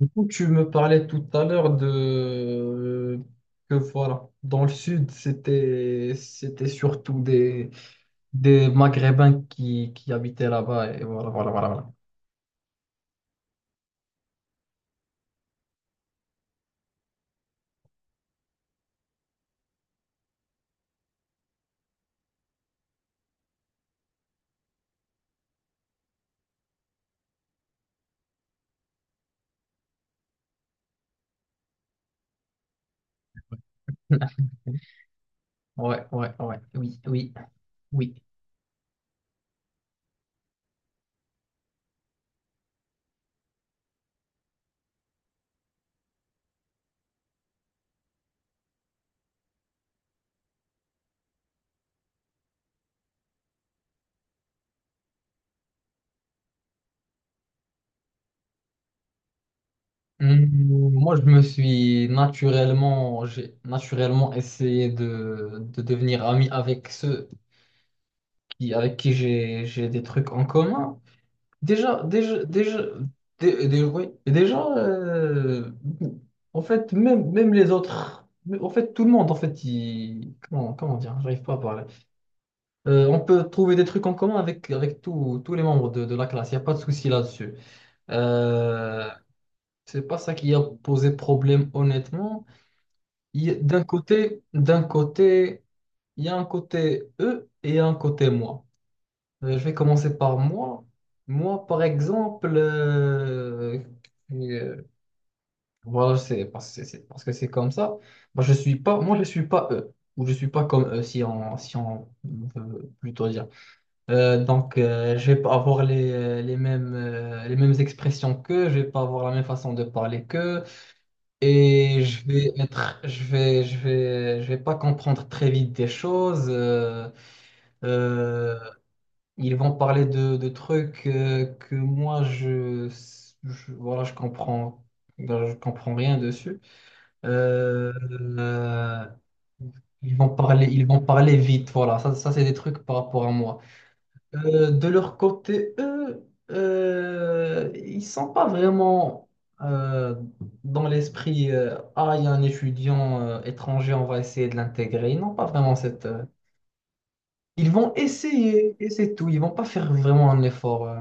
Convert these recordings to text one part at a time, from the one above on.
Du coup, tu me parlais tout à l'heure de que voilà, dans le sud, c'était surtout des Maghrébins qui habitaient là-bas et voilà voilà voilà. voilà. Ouais, ouais, ouais, oui, oui, oui. Moi, je me suis naturellement, j'ai naturellement essayé de devenir ami avec ceux qui, avec qui j'ai des trucs en commun. Déjà, déjà, déjà, dé- dé- oui, déjà, en fait, même les autres, mais en fait, tout le monde, en fait, il, comment dire, j'arrive pas à parler. On peut trouver des trucs en commun avec tous tous les membres de la classe, il n'y a pas de souci là-dessus. Euh, c'est pas ça qui a posé problème, honnêtement. Il y a... D'un côté, il y a un côté eux et il y a un côté moi. Je vais commencer par moi. Moi, par exemple, euh, voilà, c'est parce que c'est comme ça. Moi, je suis pas eux, ou je suis pas comme eux, si on veut plutôt dire. Donc, je vais pas avoir les mêmes, les mêmes expressions qu'eux, je vais pas avoir la même façon de parler qu'eux, et je vais être, je vais, je vais, je vais pas comprendre très vite des choses. Euh, ils vont parler de trucs que voilà je je comprends rien dessus. Euh, euh, ils vont parler ils vont parler vite voilà ça c'est des trucs par rapport à moi. De leur côté eux ils sont pas vraiment euh, dans l'esprit, ah il y a un étudiant étranger on va essayer de l'intégrer, ils n'ont pas vraiment cette, ils vont essayer et c'est tout, ils vont pas faire vraiment un effort.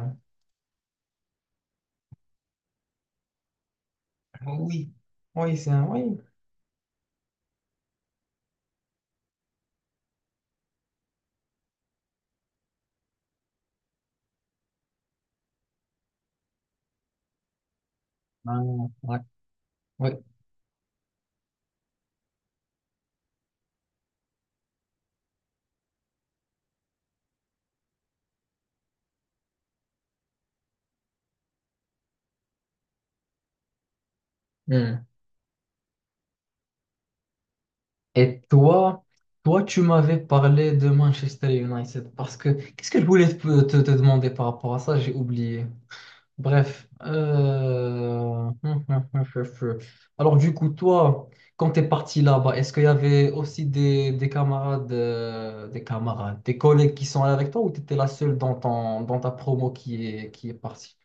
Ah oui, oui, c'est un oui. Ah, ouais, ouais. Hmm. Et toi, toi, tu m'avais parlé de Manchester United parce que qu'est-ce que je voulais te demander par rapport à ça? J'ai oublié. Bref. Alors, du coup, toi, quand tu es parti là-bas, est-ce qu'il y avait aussi des camarades, des collègues qui sont allés avec toi, ou tu étais la seule dans ta promo qui est partie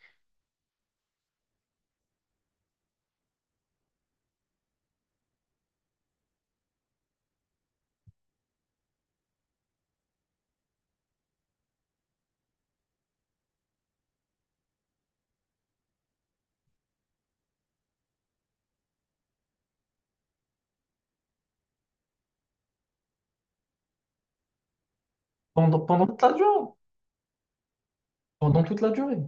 pendant toute la durée? Pendant toute la durée?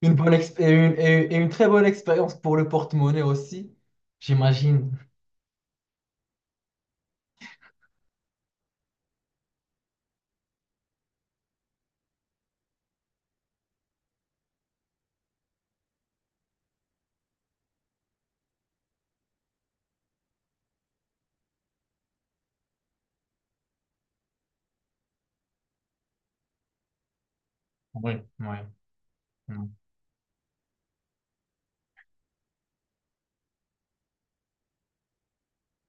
Une bonne exp- et une, et une- Et une très bonne expérience pour le porte-monnaie aussi, j'imagine. Oui, oui. oui.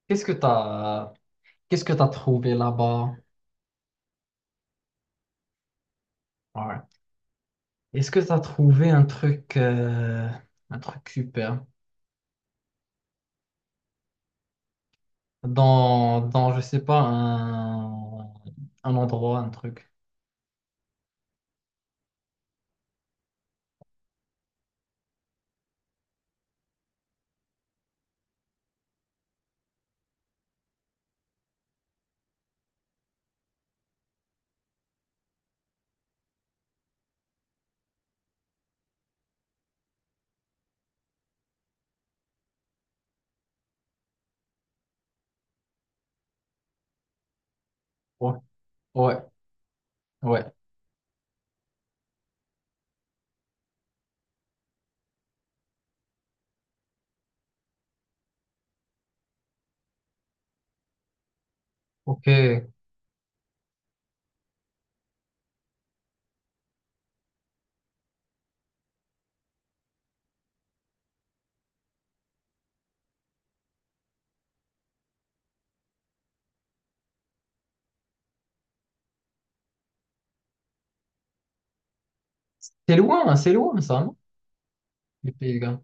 Qu'est-ce que t'as, qu'est-ce que t'as trouvé là-bas? Ouais. Est-ce que t'as trouvé un truc super dans, je sais pas, un endroit, un truc? Ouais, ouais, ouais. Ok. C'est loin ça, non? Les Pays de Galles.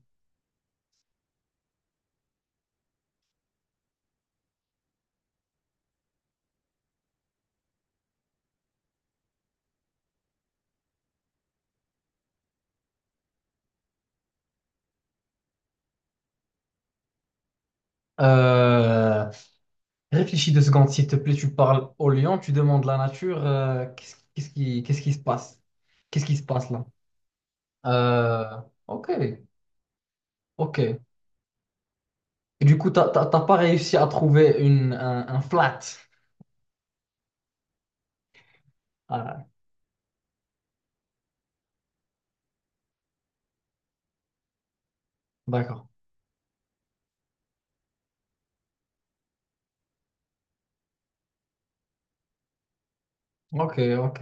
Euh, Réfléchis deux secondes, s'il te plaît. Tu parles au lion, tu demandes la nature. Qu'est-ce qui se passe? Qu'est-ce qui se passe là? Euh, ok, ok. Et du coup, t'as pas réussi à trouver un flat. Ah, d'accord. Ok, ok.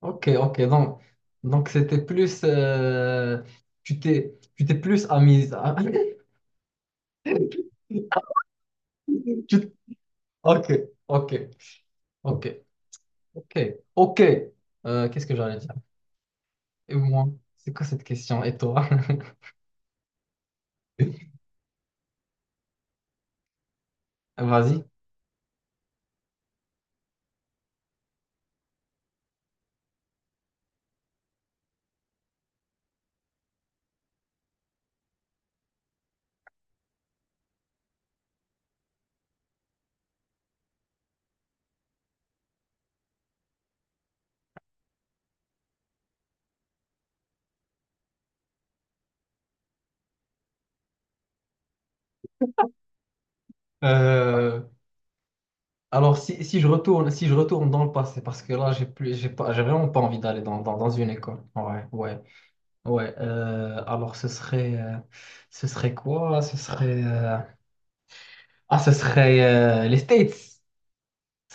Ok, ok. Donc c'était plus. Tu t'es plus amise. à... Tu... Ok, ok, ok, ok, ok. Qu'est-ce que j'allais dire? Et moi, c'est quoi cette question? Et toi? Vas-y. Euh, alors, si je retourne dans le passé, parce que là, j'ai vraiment pas envie d'aller dans une école. Ouais, ouais, ouais. Alors, ce serait quoi? Ah, ce serait les States. Ce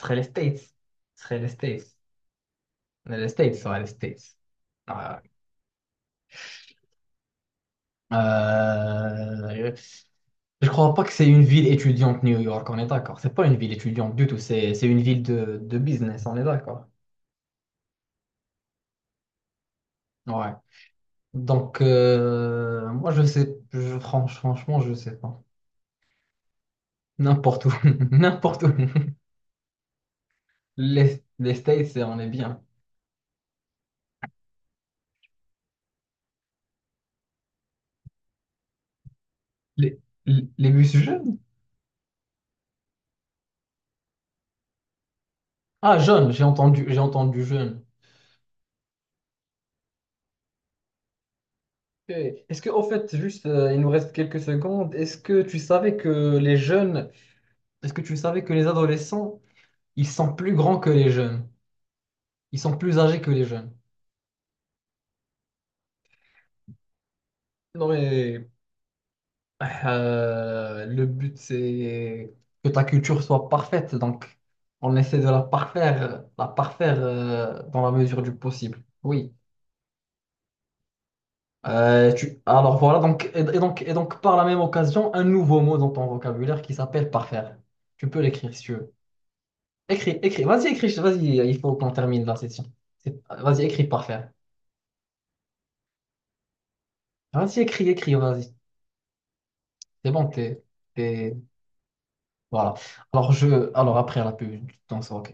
serait les States. Ce serait les States. Les States, ouais, les States. Ah, ouais. Euh, je crois pas que c'est une ville étudiante New York, on est d'accord. C'est pas une ville étudiante du tout, c'est une ville de business, on est d'accord. Ouais. Donc moi je sais je, franch- franchement je sais pas. N'importe où. N'importe où. Les States, c'est... on est bien. Les, les bus jeunes? Ah jeunes, j'ai entendu jeunes. Eh, est-ce que au fait juste il nous reste quelques secondes, est-ce que tu savais que les jeunes, est-ce que tu savais que les adolescents, ils sont plus grands que les jeunes? Ils sont plus âgés que les jeunes. Non mais le but c'est que ta culture soit parfaite, donc on essaie de la parfaire dans la mesure du possible. Oui. Tu... Alors voilà, donc, et donc par la même occasion, un nouveau mot dans ton vocabulaire qui s'appelle parfaire. Tu peux l'écrire si tu veux. Écris, écris, vas-y, il faut qu'on termine la session. C'est... Vas-y, écris parfaire. Vas-y, écris, écris, vas-y. C'est bon, t'es, t'es... Voilà. Alors je. Alors après la pub, je t'en sors, ok.